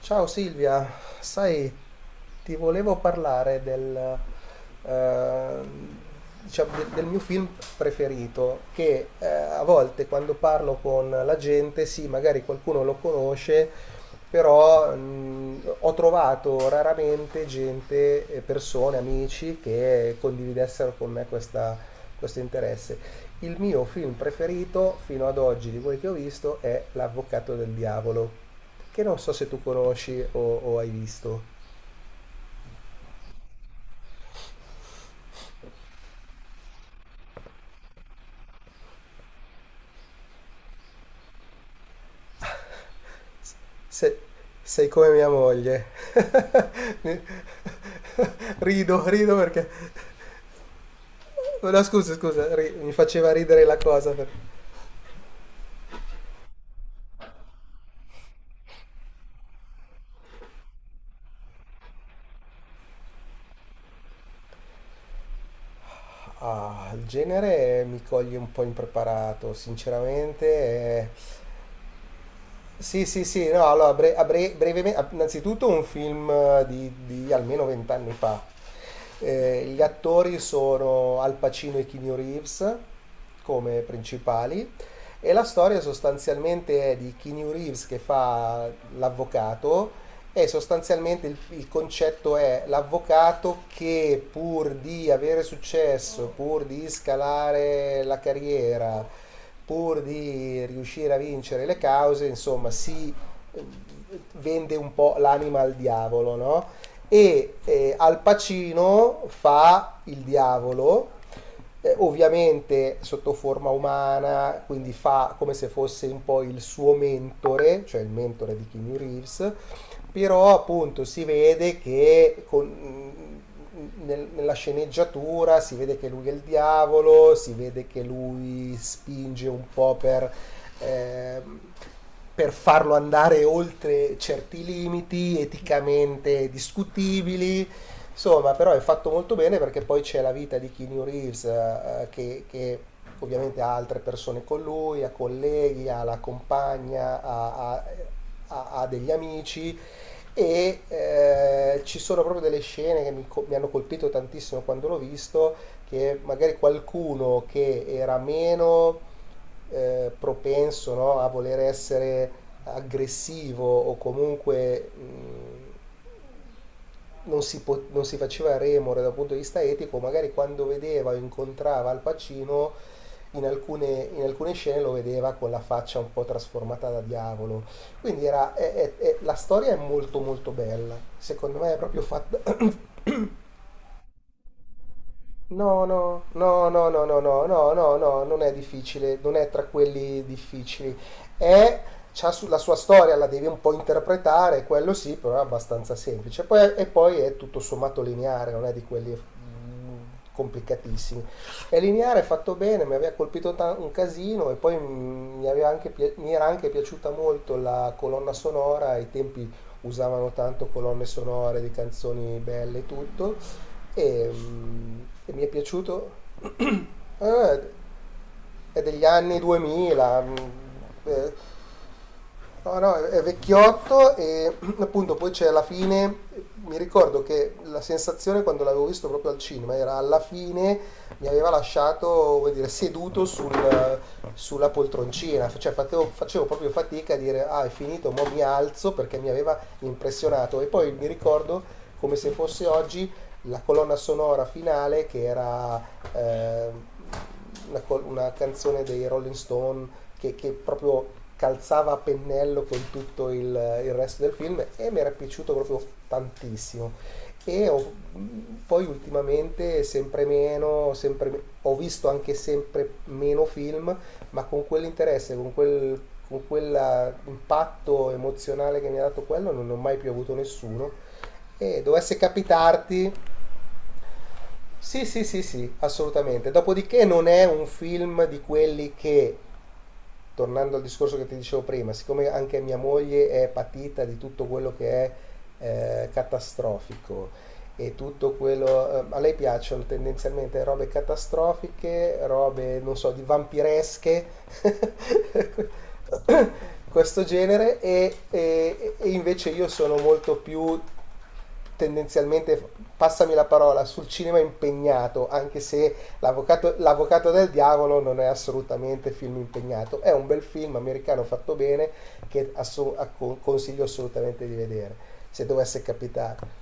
Ciao Silvia, sai, ti volevo parlare eh, diciamo, del mio film preferito, che a volte quando parlo con la gente, sì, magari qualcuno lo conosce, però ho trovato raramente gente, persone, amici che condividessero con me questo interesse. Il mio film preferito fino ad oggi di quelli che ho visto è L'Avvocato del Diavolo, che non so se tu conosci o hai visto. Se- Sei come mia moglie. Mi- rido perché... No, scusa, scusa, mi faceva ridere la cosa. Ah, il genere mi coglie un po' impreparato, sinceramente. Sì, sì, sì, no, allora, brevemente, innanzitutto un film di almeno vent'anni fa. Gli attori sono Al Pacino e Keanu Reeves come principali. E la storia sostanzialmente è di Keanu Reeves che fa l'avvocato, e sostanzialmente il concetto è l'avvocato che pur di avere successo, pur di scalare la carriera, pur di riuscire a vincere le cause, insomma, si eh, vende un po' l'anima al diavolo, no? E Al Pacino fa il diavolo, ovviamente sotto forma umana, quindi fa come se fosse un po' il suo mentore, cioè il mentore di Keanu Reeves, però appunto si vede che nella sceneggiatura si vede che lui è il diavolo, si vede che lui spinge un po' ehm, per farlo andare oltre certi limiti eticamente discutibili. Insomma, però è fatto molto bene perché poi c'è la vita di Keanu Reeves, che ovviamente ha altre persone con lui, ha colleghi, ha la compagna, ha degli amici, e ci sono proprio delle scene che mi hanno colpito tantissimo quando l'ho visto, che magari qualcuno che era meno propenso, no, a voler essere aggressivo o comunque non si faceva remore dal punto di vista etico, magari quando vedeva o incontrava Al Pacino in alcune scene lo vedeva con la faccia un po' trasformata da diavolo. Quindi era, è- la storia è molto molto bella, secondo me è proprio fatta. No, no, no, no, no, no, no, no, no, no, non è difficile, non è tra quelli difficili. È, C'ha la sua storia, la devi un po' interpretare, quello sì, però è abbastanza semplice. E poi è tutto sommato lineare, non è di quelli complicatissimi. È lineare, è fatto bene, mi aveva colpito un casino e poi mi era anche piaciuta molto la colonna sonora. Ai tempi usavano tanto colonne sonore di canzoni belle e tutto, e, mm, e mi è piaciuto. eh, è degli anni 2000. Eh, no, no, è vecchiotto, e appunto poi c'è alla fine. Mi ricordo che la sensazione, quando l'avevo visto proprio al cinema, era alla fine mi aveva lasciato, vuol dire, seduto sulla poltroncina, cioè facevo proprio fatica a dire ah è finito, mo mi alzo, perché mi aveva impressionato. E poi mi ricordo come se fosse oggi la colonna sonora finale, che era eh, una canzone dei Rolling Stone che proprio calzava a pennello con tutto il resto del film, e mi era piaciuto proprio tantissimo. E ho- Poi ultimamente sempre meno, ho visto anche sempre meno film, ma con quell'interesse, con quell'impatto emozionale che mi ha dato quello, non ne ho mai più avuto nessuno. E dovesse capitarti. Sì, sì, sì, sì, assolutamente. Dopodiché non è un film di quelli che, tornando al discorso che ti dicevo prima, siccome anche mia moglie è patita di tutto quello che è catastrofico e tutto quello. A lei piacciono tendenzialmente robe catastrofiche, robe, non so, di vampiresche, questo genere, e invece io sono molto più tendenzialmente, passami la parola, sul cinema impegnato, anche se l'avvocato del diavolo non è assolutamente film impegnato, è un bel film americano fatto bene che consiglio assolutamente di vedere, se dovesse capitare.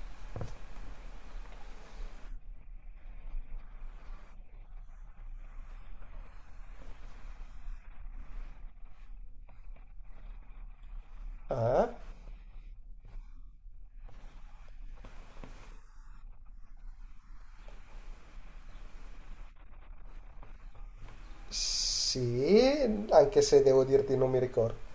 Ah, sì, anche se devo dirti non mi ricordo.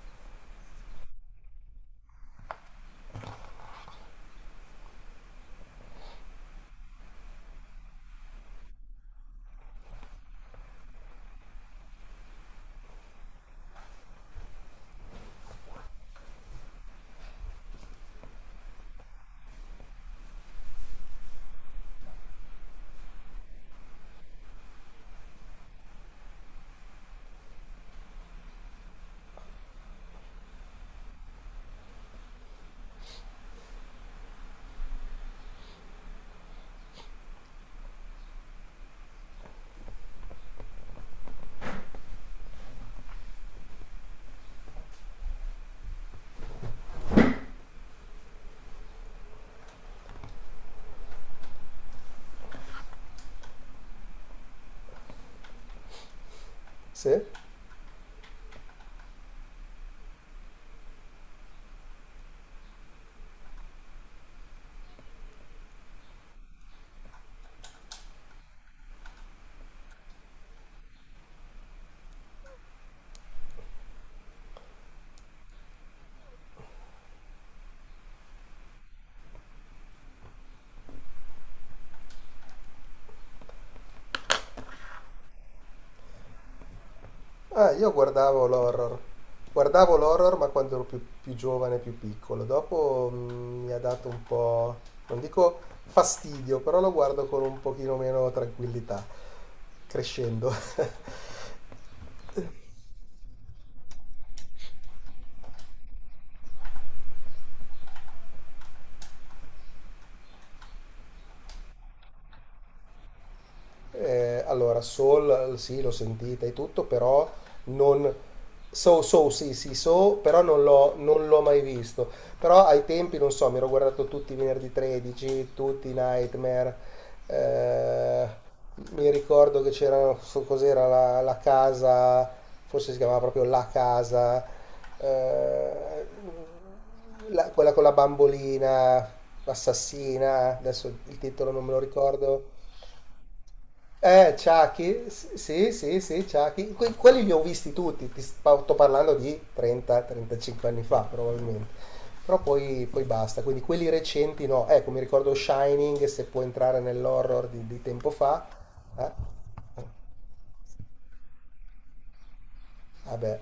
Sì? Io guardavo l'horror. Guardavo l'horror, ma quando ero più giovane, più piccolo. Dopo mi ha dato un po', non dico fastidio, però lo guardo con un pochino meno tranquillità, crescendo. Allora, Soul, sì, l'ho sentita e tutto, però non. So, sì, sì, so, però non l'ho mai visto. Però ai tempi, non so, mi ero guardato tutti i Venerdì 13, tutti i Nightmare. eh, Mi ricordo che c'era, non so cos'era, la casa, forse si chiamava proprio La Casa, eh, quella con la bambolina assassina, adesso il titolo non me lo ricordo. Chucky, sì, sì, sì, Chucky. Quelli li ho visti tutti, sto parlando di 30-35 anni fa probabilmente. Però poi basta, quindi quelli recenti no, ecco, mi ricordo Shining, se può entrare nell'horror di tempo fa. eh, Vabbè,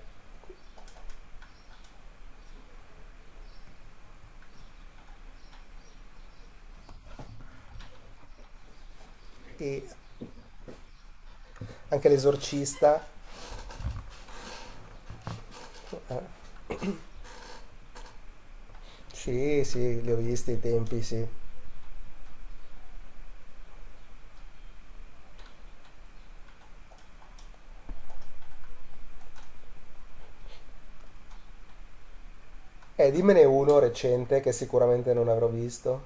e anche l'Esorcista, sì, sì, li ho visti ai tempi, sì. Dimmene uno recente che sicuramente non avrò visto.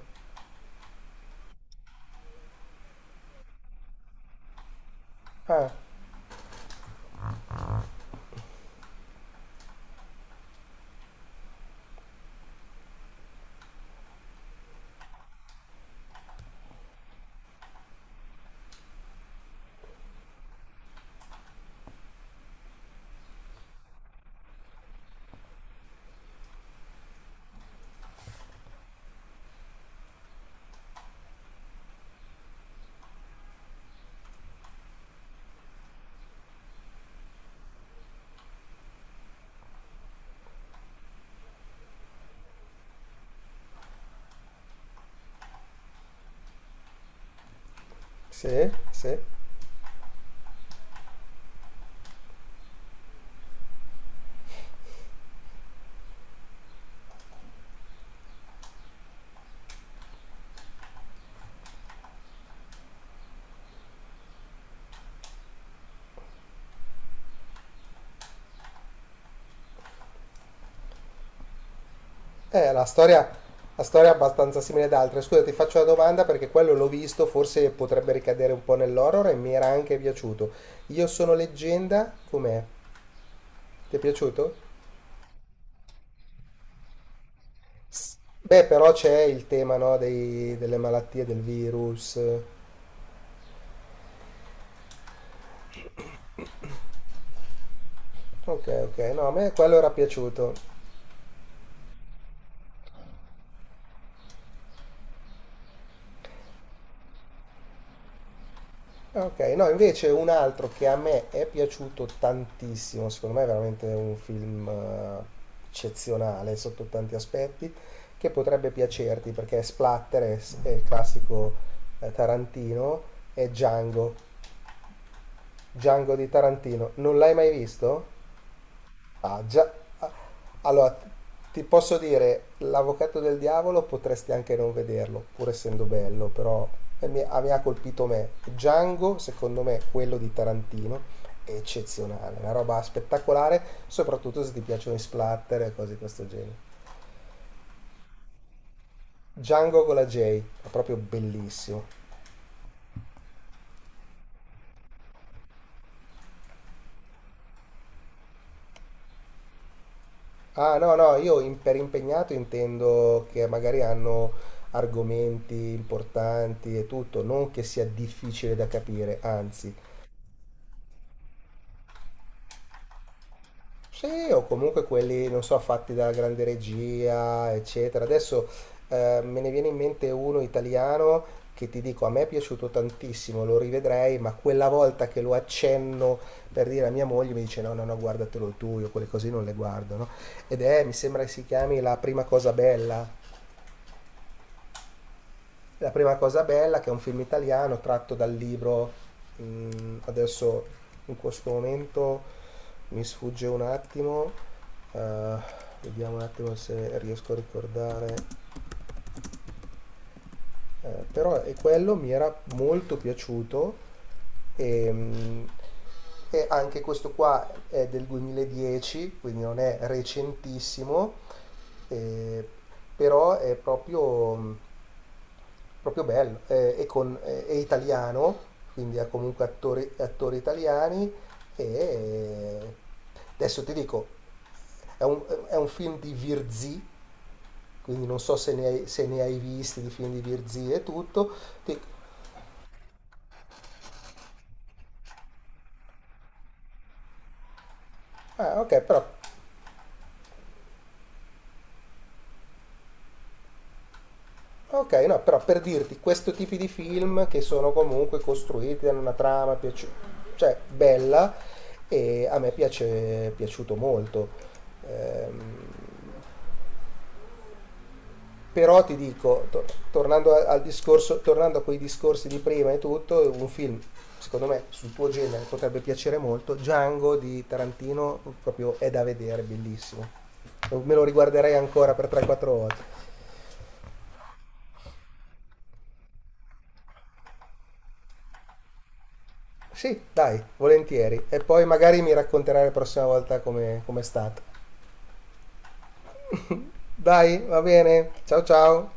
Ah, sì, sì. Eh, la storia, la storia è abbastanza simile ad altre. Scusa, ti faccio una domanda, perché quello l'ho visto, forse potrebbe ricadere un po' nell'horror e mi era anche piaciuto. Io sono leggenda, com'è? Ti è piaciuto? Beh, però c'è il tema, no, delle malattie, del virus. Ok, ok, no, a me quello era piaciuto. Ok, no, invece un altro che a me è piaciuto tantissimo, secondo me è veramente un film eccezionale sotto tanti aspetti, che potrebbe piacerti perché è splatter, è il classico Tarantino, è Django. Django di Tarantino. Non l'hai mai visto? Ah, già. ah, Allora, ti posso dire, l'avvocato del diavolo potresti anche non vederlo, pur essendo bello, però mi ha colpito me. Django, secondo me, quello di Tarantino, è eccezionale, una roba spettacolare, soprattutto se ti piacciono i splatter e cose di questo genere. Django con la J, è proprio bellissimo. Ah, no, no, io per impegnato intendo che magari hanno argomenti importanti e tutto, non che sia difficile da capire, anzi. Sì, o comunque quelli, non so, fatti dalla grande regia, eccetera. Adesso me ne viene in mente uno italiano che, ti dico, a me è piaciuto tantissimo, lo rivedrei, ma quella volta che lo accenno per dire a mia moglie mi dice no, no, no, guardatelo tu, io quelle cose non le guardo, no? Ed è, mi sembra che si chiami La prima cosa bella. La prima cosa bella che è un film italiano tratto dal libro, adesso in questo momento mi sfugge un attimo, eh, vediamo un attimo se riesco a ricordare, però è quello mi era molto piaciuto, e, mh, e anche questo qua è del 2010, quindi non è recentissimo, eh, però è proprio. Proprio bello, è italiano, quindi ha comunque attori italiani, e eh, adesso ti dico, è un, è un film di Virzi, quindi non so se ne hai visti di film di Virzi e tutto, ti- ok, però, ok, no, però per dirti, questo tipo di film che sono comunque costruiti, hanno una trama, cioè bella, e a me piace, è piaciuto molto. Ehm, Però ti dico, tornando al discorso, tornando a quei discorsi di prima e tutto, un film, secondo me, sul tuo genere potrebbe piacere molto, Django di Tarantino proprio è da vedere, bellissimo. Me lo riguarderei ancora per 3-4 volte. Sì, dai, volentieri. E poi magari mi racconterai la prossima volta come è stato. Dai, va bene. Ciao, ciao.